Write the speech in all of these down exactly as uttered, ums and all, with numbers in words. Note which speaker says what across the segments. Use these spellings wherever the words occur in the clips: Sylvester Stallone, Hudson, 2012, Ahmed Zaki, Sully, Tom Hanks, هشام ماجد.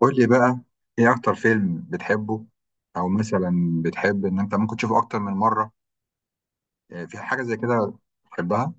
Speaker 1: قول لي بقى، ايه اكتر فيلم بتحبه؟ او مثلا بتحب ان انت ممكن تشوفه اكتر من مره؟ يعني في حاجه زي كده بتحبها؟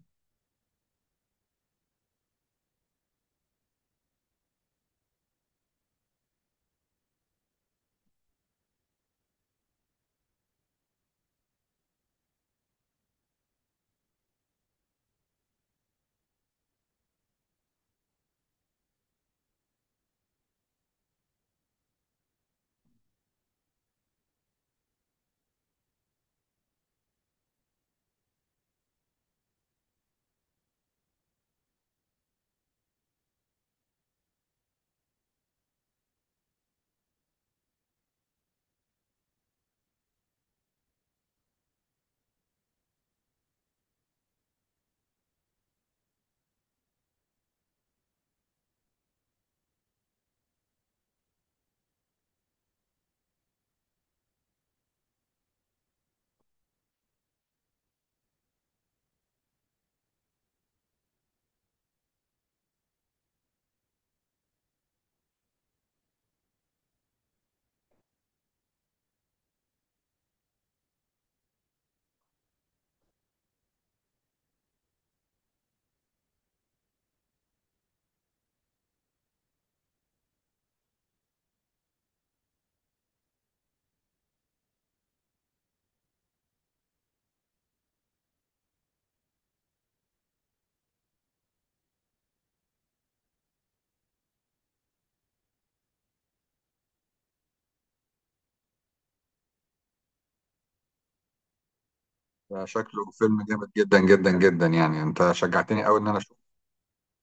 Speaker 1: ده شكله فيلم جامد جدا جدا جدا، يعني انت شجعتني قوي ان انا اشوفه.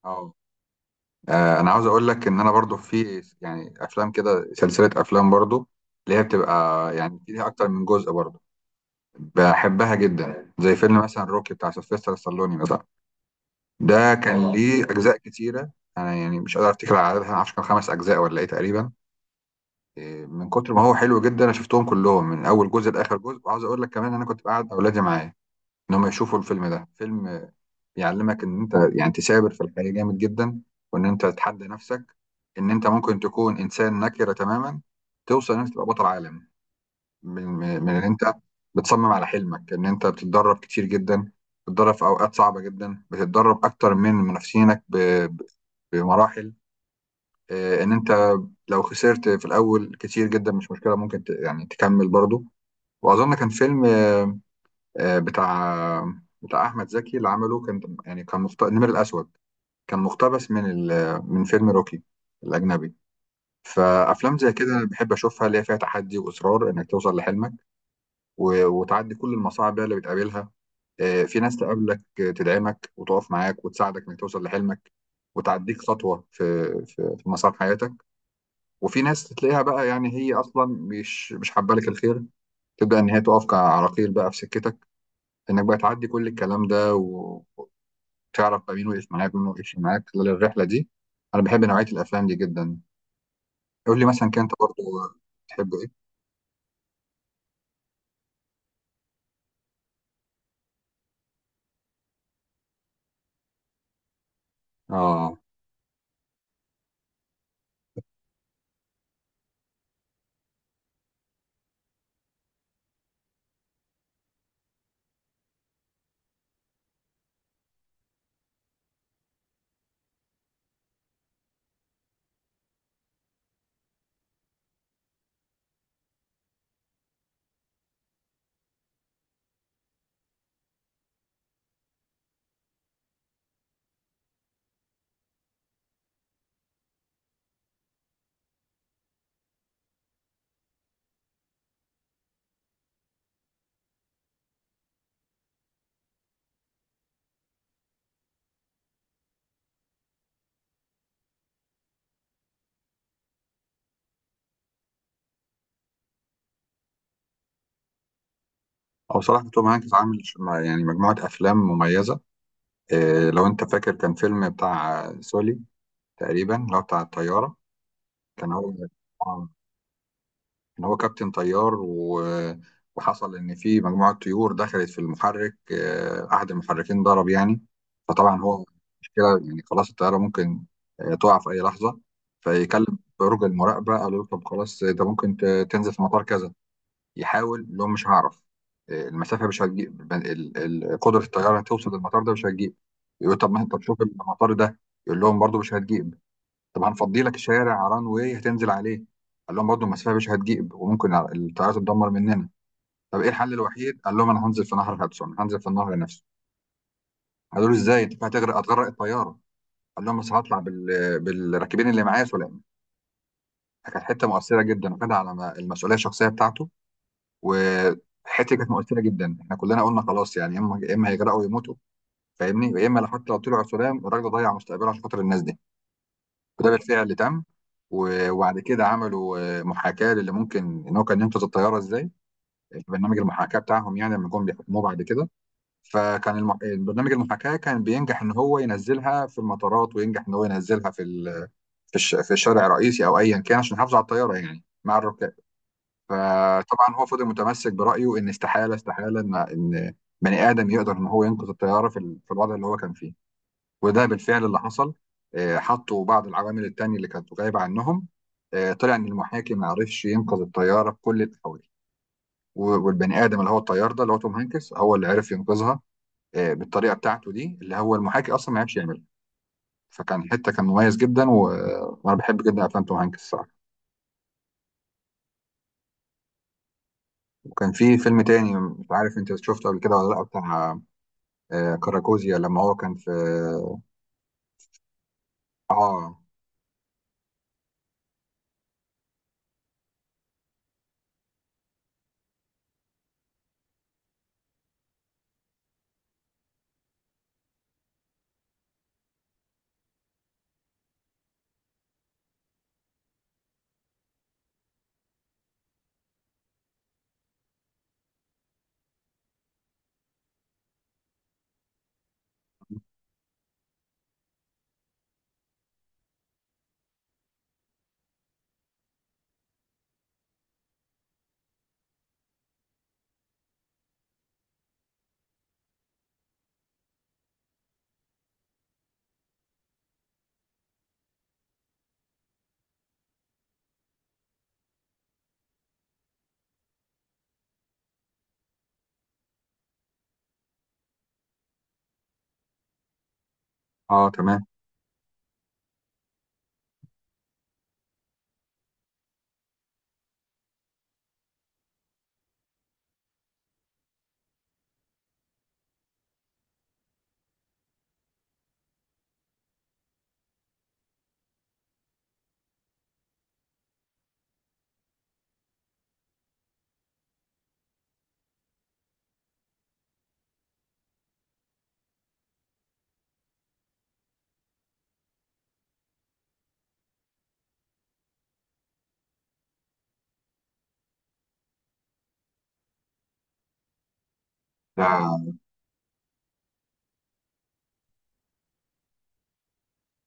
Speaker 1: اه. آه، انا عاوز اقول لك ان انا برضو في يعني افلام كده، سلسله افلام برضو اللي هي بتبقى يعني فيها اكتر من جزء برضو، بحبها جدا. زي فيلم مثلا روكي بتاع سيلفستر ستالوني مثلا، ده كان ليه اجزاء كتيره. انا يعني مش قادر افتكر عددها، معرفش كان خمس اجزاء ولا ايه تقريبا. إيه، من كتر ما هو حلو جدا انا شفتهم كلهم من اول جزء لاخر جزء، وعاوز اقول لك كمان إن انا كنت بقعد اولادي معايا ان هم يشوفوا الفيلم ده. فيلم بيعلمك ان انت يعني تثابر في الحياة جامد جدا، وان انت تتحدى نفسك، ان انت ممكن تكون انسان نكرة تماما توصل ان انت تبقى بطل عالم. من من من ان انت بتصمم على حلمك، ان انت بتتدرب كتير جدا، بتتدرب في اوقات صعبة جدا، بتتدرب اكتر من منافسينك ب- ب- بمراحل. إيه، ان انت لو خسرت في الاول كتير جدا مش مشكله، ممكن ت... يعني تكمل برضو. واظن كان فيلم آه، آه، بتاع بتاع احمد زكي اللي عمله، كان يعني كان مخت... النمر الاسود. كان مقتبس من ال... من فيلم روكي الاجنبي. فافلام زي كده انا بحب اشوفها، اللي هي فيها تحدي واصرار انك توصل لحلمك. و... وتعدي كل المصاعب بقى اللي بتقابلها. آه، في ناس تقابلك، آه، تدعمك وتقف معاك وتساعدك انك توصل لحلمك وتعديك خطوه في في, في مسار حياتك. وفي ناس تلاقيها بقى يعني هي اصلا مش مش حابه لك الخير، تبدا ان هي تقف كعراقيل بقى في سكتك انك بقى تعدي كل الكلام ده و- وتعرف بقى مين وقف معاك مين وقفش معاك خلال الرحله دي. انا بحب نوعيه الافلام دي جدا. قول لي مثلا كنت برضو بتحب ايه؟ اه. او بصراحه توم هانكس عامل ش- مع- يعني مجموعه افلام مميزه. إيه لو انت فاكر كان فيلم بتاع سولي تقريبا، اللي هو بتاع الطياره. كان هو ان هو كابتن طيار و... وحصل ان في مجموعه طيور دخلت في المحرك، آه، احد المحركين ضرب يعني. فطبعا هو مشكله يعني خلاص الطياره ممكن آه، تقع في اي لحظه. فيكلم برج المراقبه، قالوا له طب خلاص ده ممكن ت- تنزل في مطار كذا. يحاول يقول لهم مش هعرف، آه، المسافه مش هتجيب، ال- ال- قدره الطياره توصل للمطار ده مش هتجيب. يقول طب ما انت تشوف المطار ده. يقول لهم برضو مش هتجيب. طب هنفضي لك شارع ران واي هتنزل عليه. قال لهم برضه المسافه مش هتجيب وممكن الطيارات تدمر مننا. طب ايه الحل الوحيد؟ قال لهم انا هنزل في نهر هدسون، هنزل في النهر نفسه. قالوا له ازاي؟ انت هتغرق، هتغرق الطياره. قال لهم بس هطلع بال... بالراكبين اللي معايا سلام. كانت حته مؤثره جدا وخدها على ما- المسؤوليه الشخصيه بتاعته. وحته كانت مؤثره جدا، احنا كلنا قلنا خلاص يعني يا اما يا اما هيغرقوا ويموتوا. فاهمني، يا اما لو حتى لو طلعوا سلام الراجل ده ضيع مستقبله عشان خاطر الناس دي. وده بالفعل تم. و- وبعد كده عملوا آه، محاكاة للي ممكن ان هو كان ينقذ الطيارة ازاي. برنامج المحاكاة بتاعهم يعني لما جم بيحكموه بعد كده، فكان الم... برنامج المحاكاة كان بينجح ان هو ينزلها في المطارات، وينجح ان هو ينزلها في ال... في, الش... في الشارع الرئيسي او ايا كان عشان يحافظوا على الطيارة يعني مع الركاب. فطبعا هو فضل متمسك برأيه ان استحالة استحالة ان ان بني ادم يقدر ان هو ينقذ الطيارة في ال... في الوضع اللي هو كان فيه. وده بالفعل اللي حصل. آه، حطوا بعض العوامل التانية اللي كانت غايبة عنهم. آه، طلع ان المحاكي ما عرفش ينقذ الطيارة بكل الاحوال. و- والبني ادم اللي هو الطيار ده اللي هو توم هانكس هو اللي عرف ينقذها، آه، بالطريقة بتاعته دي اللي هو المحاكي اصلا ما عرفش يعملها. فكان حتة كان مميز جدا و... وانا بحب جدا افلام توم هانكس الصراحة. وكان في فيلم تاني مش عارف انت شفته قبل كده ولا لا، بتاع آه، كاراكوزيا لما هو كان في. اه. اه. آه، تمام. ده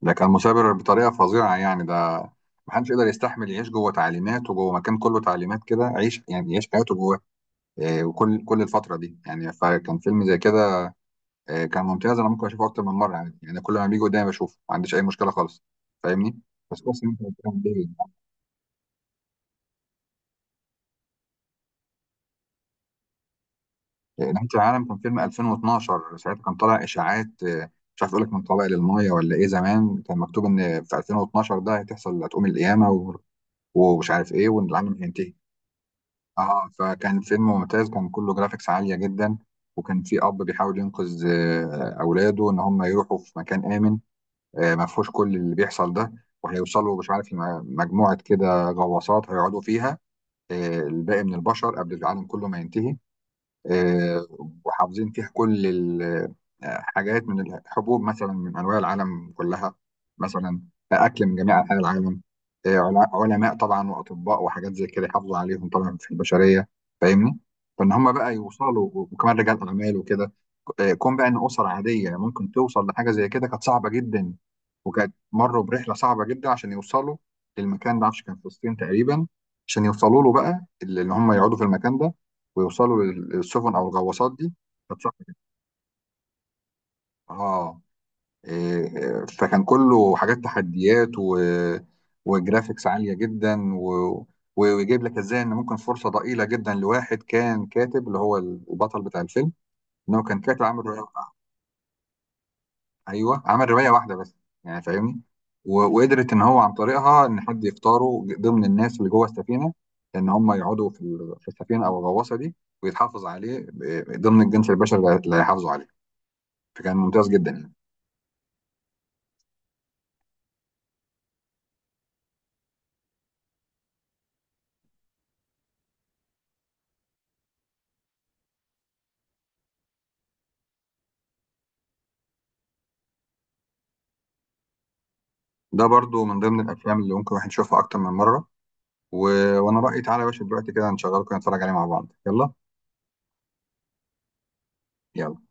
Speaker 1: ده كان مثابر بطريقه فظيعه يعني، ده محدش يقدر يستحمل يعيش جوه تعليمات وجوه مكان كله تعليمات كده، عيش يعني يعيش حياته جواه. آه، وكل كل الفتره دي يعني فكان فيلم زي كده. آه، كان ممتاز، انا ممكن اشوفه اكتر من مره يعني يعني كل ما بيجي قدامي بشوفه ما عنديش اي مشكله خالص. فاهمني. بس كويس ان انت بتتكلم ليه. آه، نهايه العالم كان فيلم ألفين واثنا عشر، ساعتها كان طالع اشاعات، آه، مش عارف اقول لك من طبق للميه ولا ايه، زمان كان مكتوب ان في ألفين واتناشر ده هتحصل، هتقوم القيامه و- ومش عارف ايه، وان العالم هينتهي. اه، فكان فيلم ممتاز، كان كله جرافيكس عالية جدا، وكان في أب بيحاول ينقذ آه، أولاده، إن هم يروحوا في مكان آمن. آه، ما فيهوش كل اللي بيحصل ده، وهيوصلوا مش عارف لم- مجموعة كده غواصات هيقعدوا فيها، آه، الباقي من البشر قبل العالم كله ما ينتهي. آه، وحافظين فيه كل الحاجات من الحبوب مثلا من انواع العالم كلها، مثلا اكل من جميع انحاء العالم، آه، عل- علماء طبعا واطباء وحاجات زي كده يحافظوا عليهم طبعا في البشريه. فاهمني. فان هم بقى يوصلوا وكمان رجال اعمال وكده. آه، كون بقى ان اسر عاديه ممكن توصل لحاجه زي كده كانت صعبه جدا، وكانت مروا برحله صعبه جدا عشان يوصلوا للمكان ده، معرفش كان في الصين تقريبا، عشان يوصلوا له بقى اللي هم يقعدوا في المكان ده، ويوصلوا لل- للسفن او الغواصات دي. كانت صعبة جدا. اه. إيه، فكان كله حاجات تحديات و... وجرافيكس عالية جدا، و... ويجيب لك ازاي ان ممكن فرصة ضئيلة جدا لواحد كان كاتب اللي هو البطل بتاع الفيلم، ان هو كان كاتب عامل رواية. ايوه عمل رواية واحدة بس يعني، فاهمني. و... وقدرت ان هو عن طريقها ان حد يختاره ضمن الناس اللي جوه السفينة، ان هم يقعدوا في ال- في السفينة او الغواصة دي، ويتحافظ عليه ب- ضمن الجنس البشري اللي هيحافظوا عليه. فكان ممتاز جدا يعني. ده برضو من ضمن الافلام اللي ممكن الواحد يشوفها اكتر من مره. و... وانا رايي تعالى يا باشا دلوقتي كده نشغله كده نتفرج عليه مع بعض، يلا. يلا.